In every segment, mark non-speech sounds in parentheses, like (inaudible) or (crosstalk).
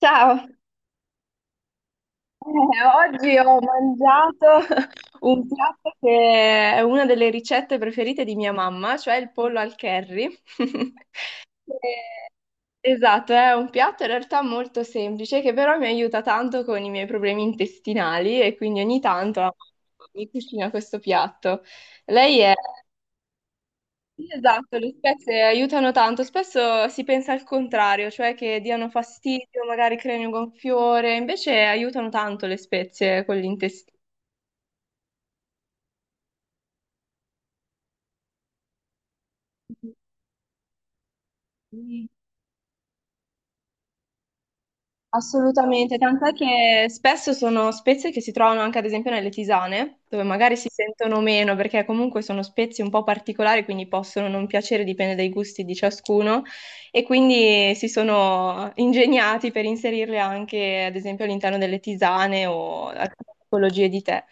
Ciao. Oggi ho mangiato (laughs) un piatto che è una delle ricette preferite di mia mamma, cioè il pollo al curry. (laughs) Eh, Esatto, è un piatto in realtà molto semplice che però mi aiuta tanto con i miei problemi intestinali e quindi ogni tanto mi cucina questo piatto. Lei è Sì, esatto, le spezie aiutano tanto, spesso si pensa al contrario, cioè che diano fastidio, magari creino un gonfiore, invece aiutano tanto le spezie con l'intestino. Assolutamente, tant'è che spesso sono spezie che si trovano anche ad esempio nelle tisane, dove magari si sentono meno perché comunque sono spezie un po' particolari, quindi possono non piacere, dipende dai gusti di ciascuno, e quindi si sono ingegnati per inserirle anche ad esempio all'interno delle tisane o altre tipologie di tè.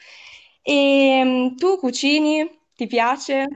E tu cucini? Ti piace?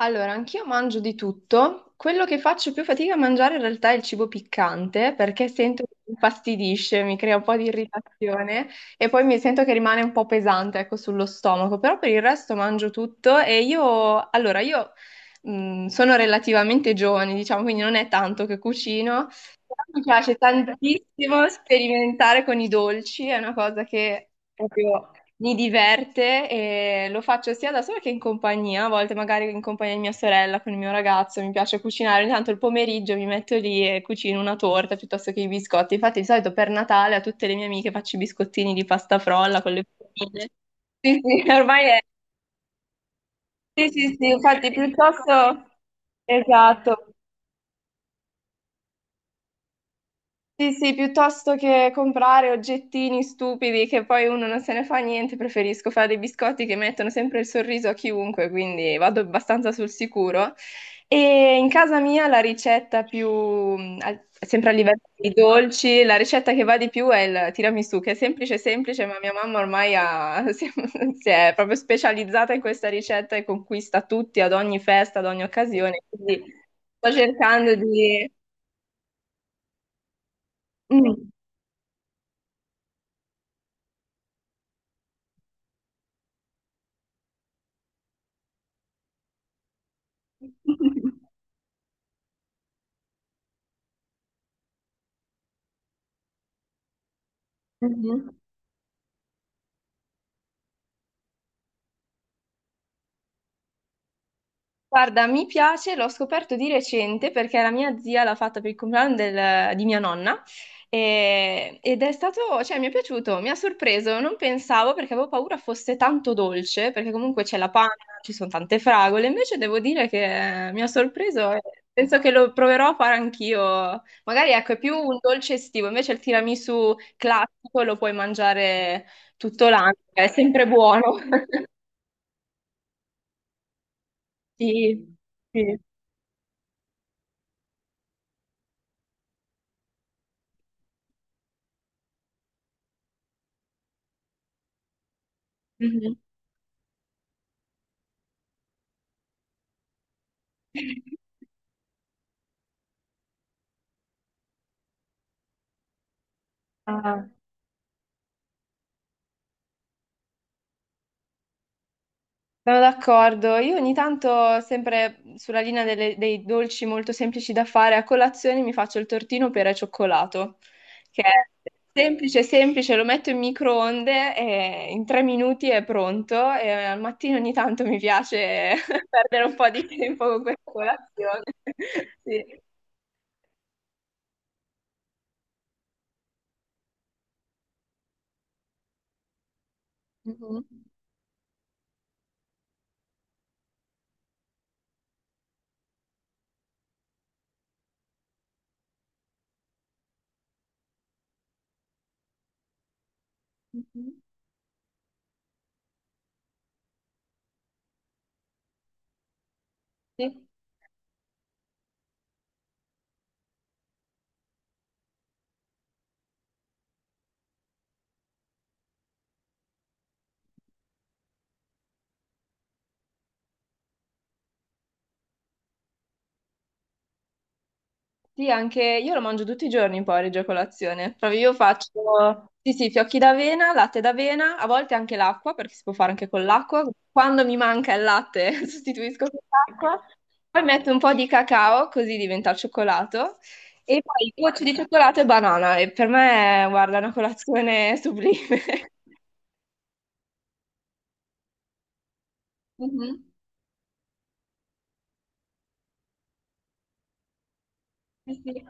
Allora, anch'io mangio di tutto. Quello che faccio più fatica a mangiare in realtà è il cibo piccante perché sento che mi infastidisce, mi crea un po' di irritazione e poi mi sento che rimane un po' pesante, ecco, sullo stomaco. Però per il resto mangio tutto e io, allora, io sono relativamente giovane, diciamo, quindi non è tanto che cucino. Però mi piace tantissimo sperimentare con i dolci, è una cosa che proprio mi diverte e lo faccio sia da sola che in compagnia, a volte magari in compagnia di mia sorella con il mio ragazzo, mi piace cucinare, ogni tanto il pomeriggio mi metto lì e cucino una torta piuttosto che i biscotti. Infatti di solito per Natale a tutte le mie amiche faccio i biscottini di pasta frolla con le pupine. Sì, sì, (laughs) ormai è. Sì, sì, sì, infatti piuttosto... Esatto. Sì, sì, piuttosto che comprare oggettini stupidi che poi uno non se ne fa niente, preferisco fare dei biscotti che mettono sempre il sorriso a chiunque, quindi vado abbastanza sul sicuro. E in casa mia la ricetta più, sempre a livello di dolci, la ricetta che va di più è il tiramisù, che è semplice, semplice, ma mia mamma ormai (laughs) si è proprio specializzata in questa ricetta e conquista tutti ad ogni festa, ad ogni occasione. Quindi sto cercando di... Mm. (laughs) Mhm. Guarda, mi piace, l'ho scoperto di recente perché la mia zia l'ha fatta per il compleanno di mia nonna ed è stato, cioè mi è piaciuto, mi ha sorpreso, non pensavo perché avevo paura fosse tanto dolce, perché comunque c'è la panna, ci sono tante fragole, invece devo dire che mi ha sorpreso e penso che lo proverò a fare anch'io. Magari ecco, è più un dolce estivo, invece il tiramisù classico lo puoi mangiare tutto l'anno, è sempre buono. (laughs) Sì, sì. Ah, sono d'accordo. Io ogni tanto, sempre sulla linea dei dolci molto semplici da fare, a colazione mi faccio il tortino per e cioccolato, che è semplice, semplice, lo metto in microonde e in 3 minuti è pronto. E al mattino ogni tanto mi piace (laughs) perdere un po' di tempo con questa colazione. (laughs) Sì. Mhm. Mhm. Sì. Sì, anche io lo mangio tutti i giorni il porridge a colazione. Proprio io faccio, sì, sì, fiocchi d'avena, latte d'avena, a volte anche l'acqua, perché si può fare anche con l'acqua. Quando mi manca il latte, (laughs) sostituisco con l'acqua. Poi metto un po' di cacao, così diventa il cioccolato. E poi gocce di cioccolato e banana. E per me, guarda, è una colazione sublime. (laughs) Mhm. Sì, sì.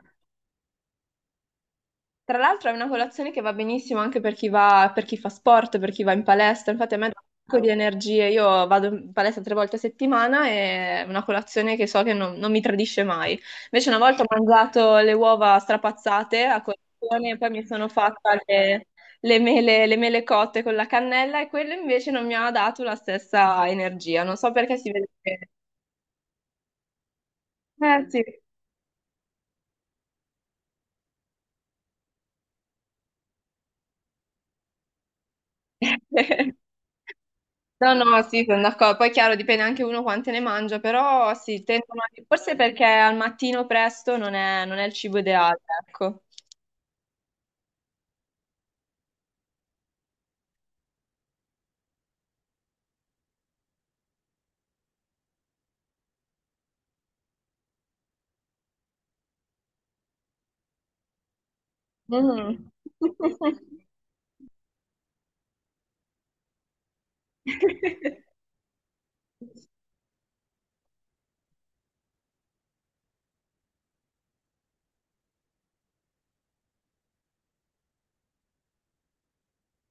Tra l'altro è una colazione che va benissimo anche per chi va, per chi fa sport, per chi va in palestra. Infatti a me dà un sacco di energie. Io vado in palestra tre volte a settimana e è una colazione che so che non, non mi tradisce mai. Invece una volta ho mangiato le uova strapazzate a colazione e poi mi sono fatta le mele, le mele cotte con la cannella e quello invece non mi ha dato la stessa energia. Non so perché si vede che... Eh sì. (laughs) No, no, sì, sono d'accordo. Poi è chiaro, dipende anche uno quante ne mangia, però sì, tendono forse perché al mattino presto non è il cibo ideale, ecco. Mm. (laughs)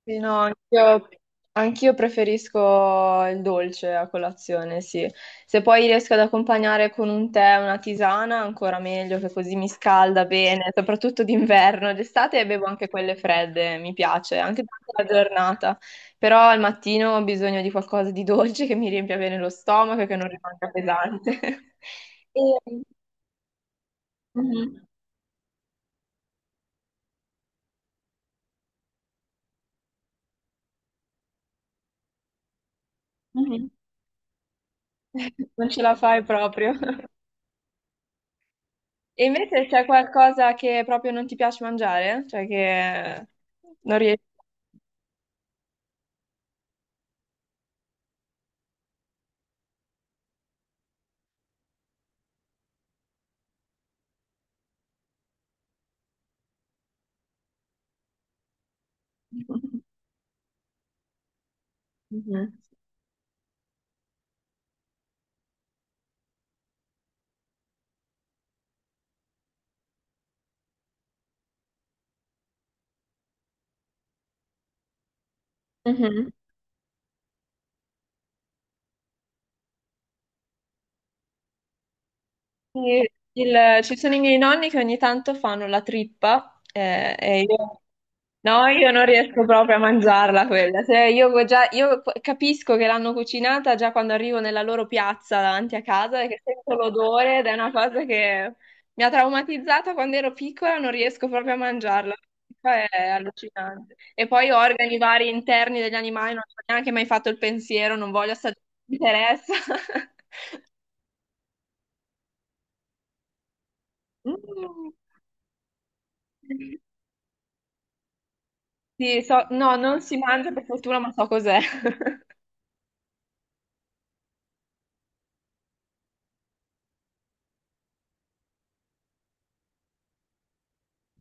Sì, no, anch'io preferisco il dolce a colazione, sì. Se poi riesco ad accompagnare con un tè, una tisana, ancora meglio, che così mi scalda bene, soprattutto d'inverno. D'estate bevo anche quelle fredde, mi piace, anche durante la giornata. Però al mattino ho bisogno di qualcosa di dolce che mi riempia bene lo stomaco e che non rimanga pesante. (laughs) E- Mhm, mhm. (laughs) Non ce la fai proprio. E invece c'è qualcosa che proprio non ti piace mangiare? Cioè che non riesci... (laughs) Mhm. Mhm. Sì, ci sono i miei nonni che ogni tanto fanno la trippa, e io, no, io non riesco proprio a mangiarla quella. Se io, già, io capisco che l'hanno cucinata già quando arrivo nella loro piazza davanti a casa e che sento l'odore ed è una cosa che mi ha traumatizzata quando ero piccola, non riesco proprio a mangiarla. È allucinante. E poi organi vari interni degli animali, non ho neanche mai fatto il pensiero, non voglio assaggiare, non mi interessa. (laughs) Mm. Sì, no, non si mangia per fortuna, ma so cos'è. (laughs)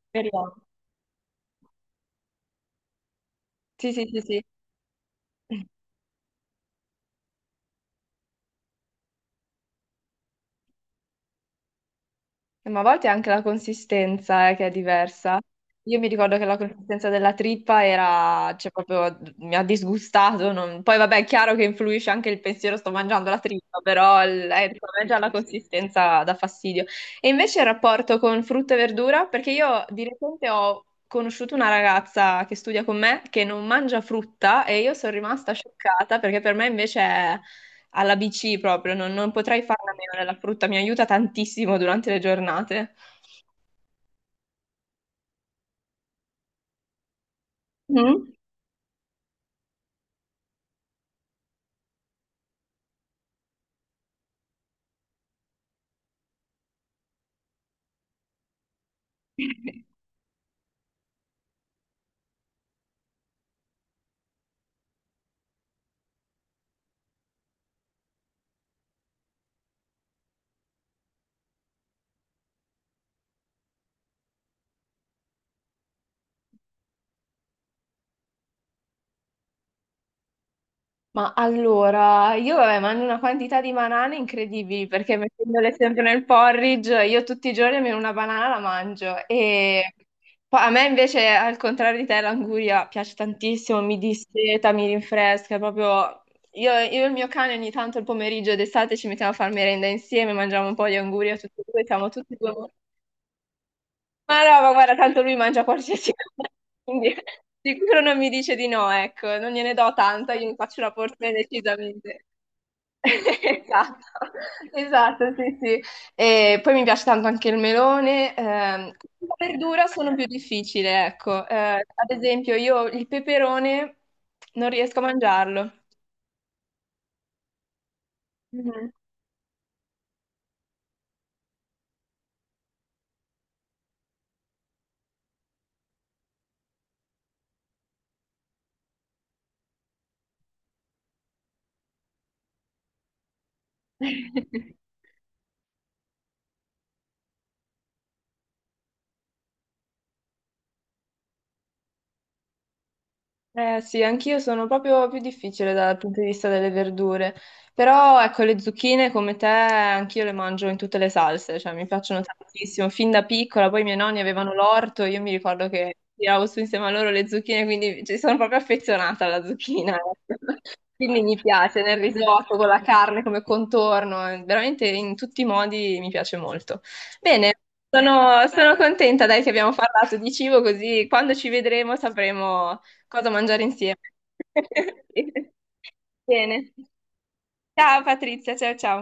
Speriamo. Sì, sì, sì, sì. Ma a volte anche la consistenza, che è diversa. Io mi ricordo che la consistenza della trippa era, cioè, proprio mi ha disgustato. Poi, vabbè, è chiaro che influisce anche il pensiero, sto mangiando la trippa, però per me già la consistenza dà fastidio. E invece il rapporto con frutta e verdura, perché io di recente ho conosciuto una ragazza che studia con me che non mangia frutta e io sono rimasta scioccata perché per me invece è alla BC proprio, non, non potrei farla a meno della frutta, mi aiuta tantissimo durante le giornate. Mm? (laughs) Ma allora, io vabbè, mangio una quantità di banane incredibili perché mettendole sempre nel porridge, io tutti i giorni almeno una banana la mangio. E poi a me invece, al contrario di te, l'anguria piace tantissimo, mi disseta, mi rinfresca, proprio... io e il mio cane ogni tanto il pomeriggio d'estate ci mettiamo a fare merenda insieme, mangiamo un po' di anguria tutti e due, siamo tutti e due. Ma no, ma guarda, tanto lui mangia qualsiasi cosa, (laughs) quindi sicuro non mi dice di no, ecco, non gliene do tanta, io ne faccio una porzione decisamente. (laughs) Esatto, esatto, sì, sì. E poi mi piace tanto anche il melone. La verdura sono più difficile, ecco. Ad esempio, io il peperone non riesco a mangiarlo. Mhm. (laughs) Eh sì, anch'io sono proprio più difficile dal punto di vista delle verdure, però ecco le zucchine come te anch'io le mangio in tutte le salse, cioè mi piacciono tantissimo, fin da piccola, poi i miei nonni avevano l'orto, io mi ricordo che tiravo su insieme a loro le zucchine, quindi ci sono proprio affezionata alla zucchina, ecco. (laughs) Quindi mi piace nel risotto, con la carne come contorno, veramente in tutti i modi mi piace molto. Bene. Sono contenta, dai, che abbiamo parlato di cibo, così quando ci vedremo sapremo cosa mangiare insieme. (laughs) Bene. Ciao Patrizia, ciao ciao.